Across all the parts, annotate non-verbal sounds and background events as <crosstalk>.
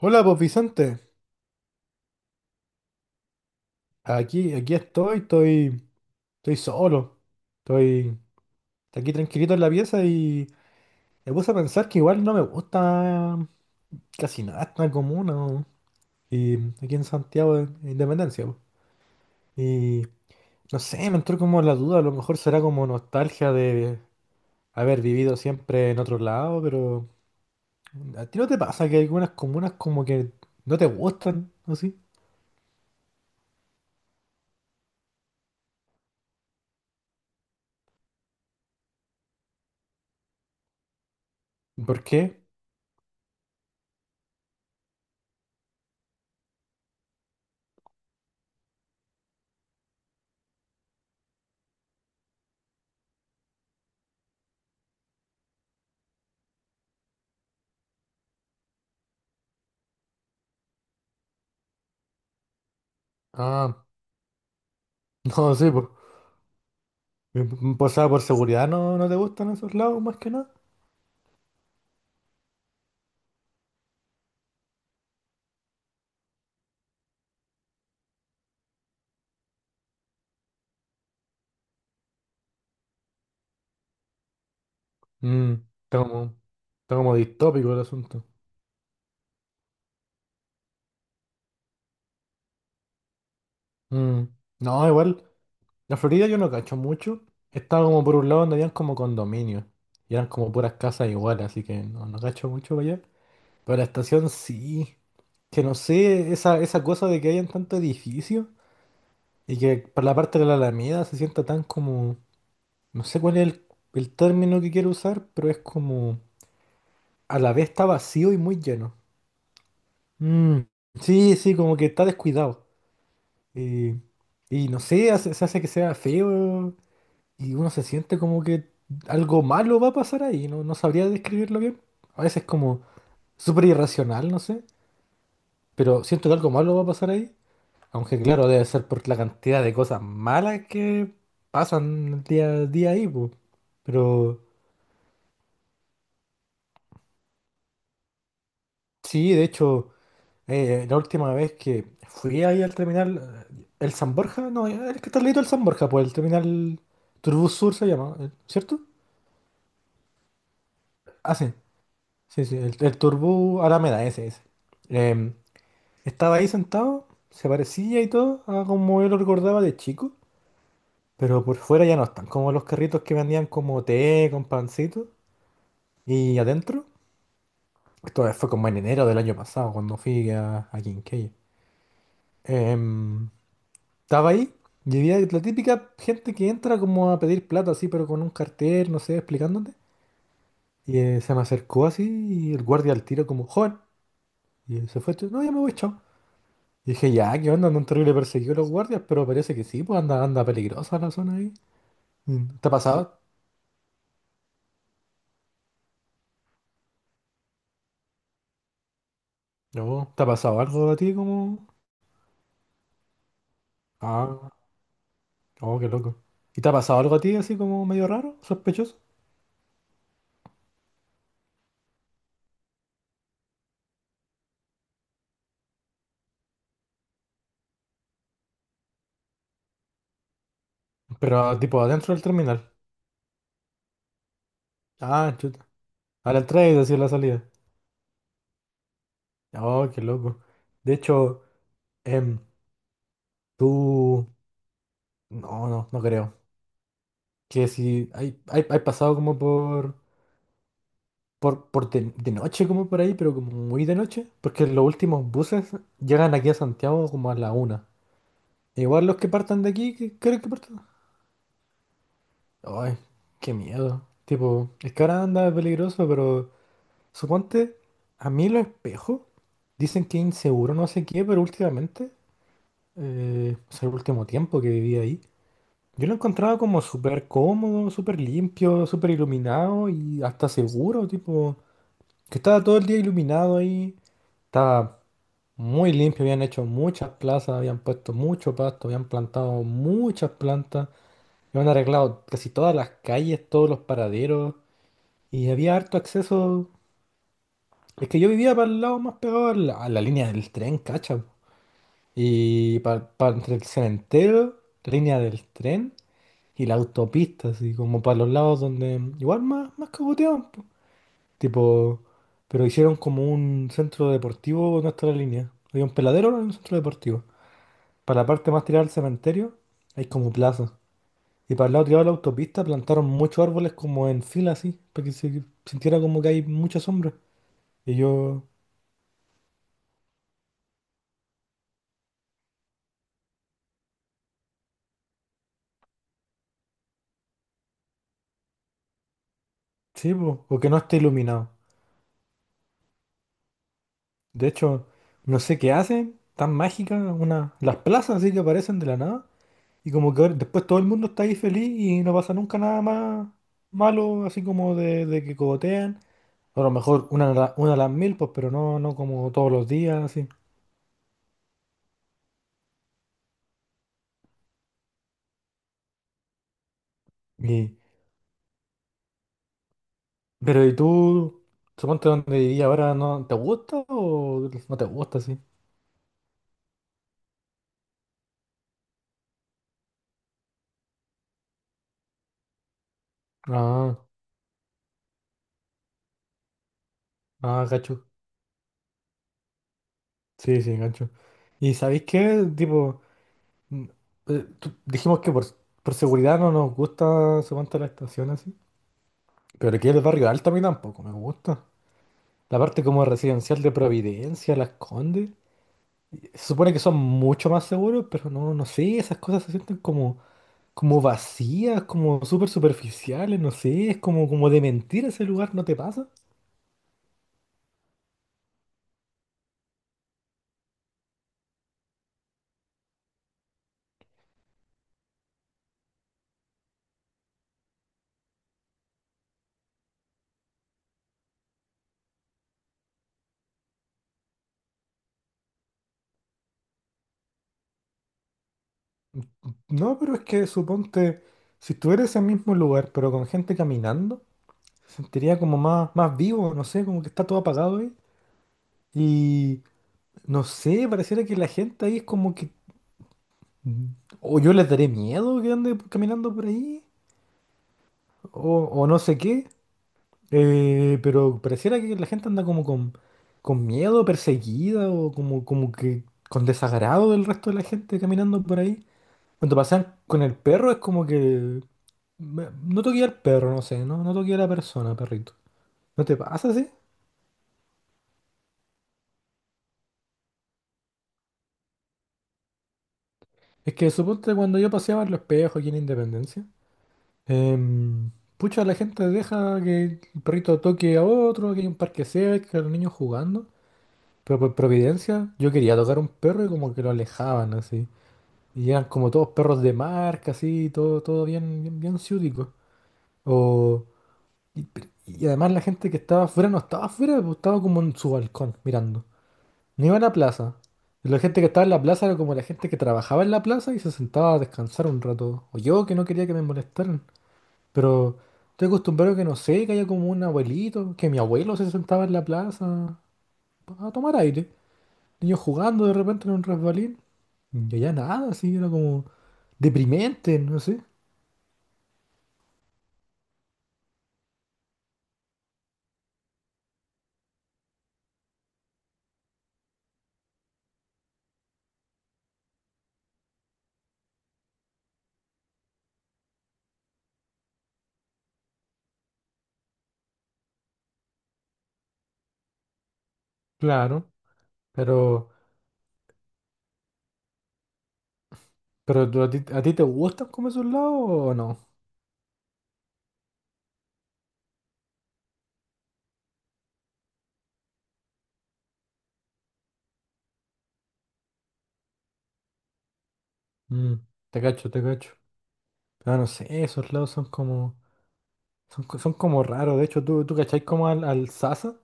Hola, pues Vicente. Aquí estoy solo. Estoy estoy aquí tranquilito en la pieza y me puse a pensar que igual no me gusta casi nada esta comuna, ¿no? Y aquí en Santiago de Independencia, po. Y no sé, me entró como la duda, a lo mejor será como nostalgia de haber vivido siempre en otro lado, pero ¿a ti no te pasa que hay algunas comunas como que no te gustan, así? ¿Por qué? Ah, <laughs> no sé. Pues, o sea, por seguridad no te gustan esos lados más que nada. Mm, está como, Está como distópico el asunto. Mm, No, igual, la Florida yo no cacho mucho. Estaba como por un lado donde habían como condominios. Y eran como puras casas iguales, así que no cacho mucho para allá. Pero la estación sí. Que no sé, esa cosa de que hayan tanto edificio y que para la parte de la Alameda se sienta tan como... No sé cuál es el término que quiero usar, pero es como... A la vez está vacío y muy lleno. Mm, sí, sí, como que está descuidado. Eh, y no sé, se hace que sea feo y uno se siente como que algo malo va a pasar ahí. No sabría describirlo bien. A veces como súper irracional, no sé. Pero siento que algo malo va a pasar ahí. Aunque claro, debe ser por la cantidad de cosas malas que pasan día a día ahí, po. Pero sí, de hecho... La última vez que fui ahí al terminal, el San Borja, no, el que está al ladito del San Borja, pues el terminal Turbus Sur se llama, ¿cierto? Ah, sí, sí, sí, el Turbus Alameda, ese. Em, Estaba ahí sentado, se parecía y todo a como yo lo recordaba de chico, pero por fuera ya no están, como los carritos que vendían como té con pancito, y adentro, esto fue como en enero del año pasado, cuando fui a Quinquegui. Em, Estaba ahí y había la típica gente que entra como a pedir plata así, pero con un cartel, no sé, explicándote. Y se me acercó así y el guardia al tiro como, joven. Y se fue, no, ya me voy, chao. Y dije, ya, ¿qué onda? Andan terrible perseguidos los guardias, pero parece que sí, pues anda peligrosa la zona ahí. ¿Te ha pasado? No, ¿te ha pasado algo a ti como...? Ah, oh, qué loco. ¿Y te ha pasado algo a ti así como medio raro, sospechoso? Pero tipo adentro del terminal. Ah, chuta. A la entrada y así a la salida. Oh, qué loco. De hecho... Em, tú, no, no, No creo. Que si hay pasado como por de noche, como por ahí, pero como muy de noche, porque los últimos buses llegan aquí a Santiago como a la una. E igual los que partan de aquí, ¿qué creo que partan? Ay, qué miedo. Tipo, es que ahora anda peligroso, pero suponte, a mí los espejos dicen que es inseguro, no sé qué, pero últimamente, o sea, el último tiempo que viví ahí. Yo lo encontraba como súper cómodo, súper limpio, súper iluminado y hasta seguro, tipo, que estaba todo el día iluminado ahí, estaba muy limpio, habían hecho muchas plazas, habían puesto mucho pasto, habían plantado muchas plantas, habían arreglado casi todas las calles, todos los paraderos y había harto acceso. Es que yo vivía para el lado más pegado a a la línea del tren, cacha, po. Y para entre el cementerio, la línea del tren. Y la autopista, así como para los lados donde igual más cagoteaban, po. Tipo, pero hicieron como un centro deportivo en nuestra línea. Había un peladero en un centro deportivo. Para la parte más tirada al cementerio, hay como plaza. Y para el lado tirado de la autopista plantaron muchos árboles como en fila así, para que se sintiera como que hay mucha sombra. Y yo, sí, po, o que no esté iluminado. De hecho, no sé qué hacen, tan mágicas una, las plazas así que aparecen de la nada. Y como que después todo el mundo está ahí feliz y no pasa nunca nada más malo, así como de que cogotean, a lo mejor una, una a las mil, pues, pero no, no como todos los días, así. Y, pero ¿y tú, suponte donde viví ahora, no te gusta o no te gusta, sí? Ah, ah, cacho. Sí, sí, cacho. ¿Y sabéis qué? Tipo, mm, dijimos que por seguridad no nos gusta, suponte la estación así. Pero aquí el barrio alto a mí tampoco me gusta. La parte como residencial de Providencia, Las Condes. Se supone que son mucho más seguros, pero no sé, esas cosas se sienten como, como vacías, como súper superficiales, no sé, es como, como de mentir ese lugar, ¿no te pasa? No, pero es que suponte, si estuviera en ese mismo lugar, pero con gente caminando, se sentiría como más vivo, no sé, como que está todo apagado ahí. Y no sé, pareciera que la gente ahí es como que... mm, o yo les daré miedo que ande caminando por ahí, o no sé qué. Pero pareciera que la gente anda como con miedo, perseguida o como, como que con desagrado del resto de la gente caminando por ahí. Cuando pasan con el perro es como que... No toqué al perro, no sé, no toqué a la persona, perrito. ¿No te pasa así? Es que suponte cuando yo paseaba en los espejos aquí en Independencia, em, pucha, la gente deja que el perrito toque a otro, que hay un parque cerca, los niños jugando. Pero por providencia, yo quería tocar a un perro y como que lo alejaban así. Y eran como todos perros de marca, así, todo, todo bien, bien ciútico. O, y además la gente que estaba afuera no estaba afuera, pues, estaba como en su balcón mirando. No iba a la plaza. Y la gente que estaba en la plaza era como la gente que trabajaba en la plaza y se sentaba a descansar un rato. O yo que no quería que me molestaran. Pero estoy acostumbrado a que no sé, que haya como un abuelito, que mi abuelo se sentaba en la plaza a tomar aire. Niños jugando de repente en un resbalín. Y allá nada, así, era como deprimente, no sé. Claro, pero, ¿a ti, a ti te gustan como esos lados o no? Mm, te cacho, te cacho. Pero no sé, esos lados son como, son como raros. De hecho, tú cachai como al Sasa,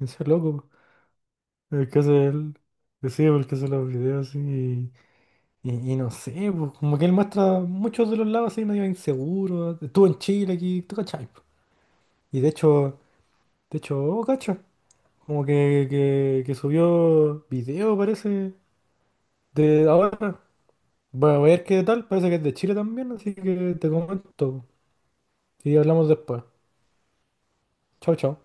ese loco, el que hace sí, el que hace los videos así. Y, y no sé, pues, como que él muestra muchos de los lados así medio inseguros. Estuvo en Chile aquí, tú cachai, po. Y de hecho, oh, cacho, como que subió video, parece, de ahora. Voy a ver qué tal, parece que es de Chile también, así que te comento. Y hablamos después. Chao, chao.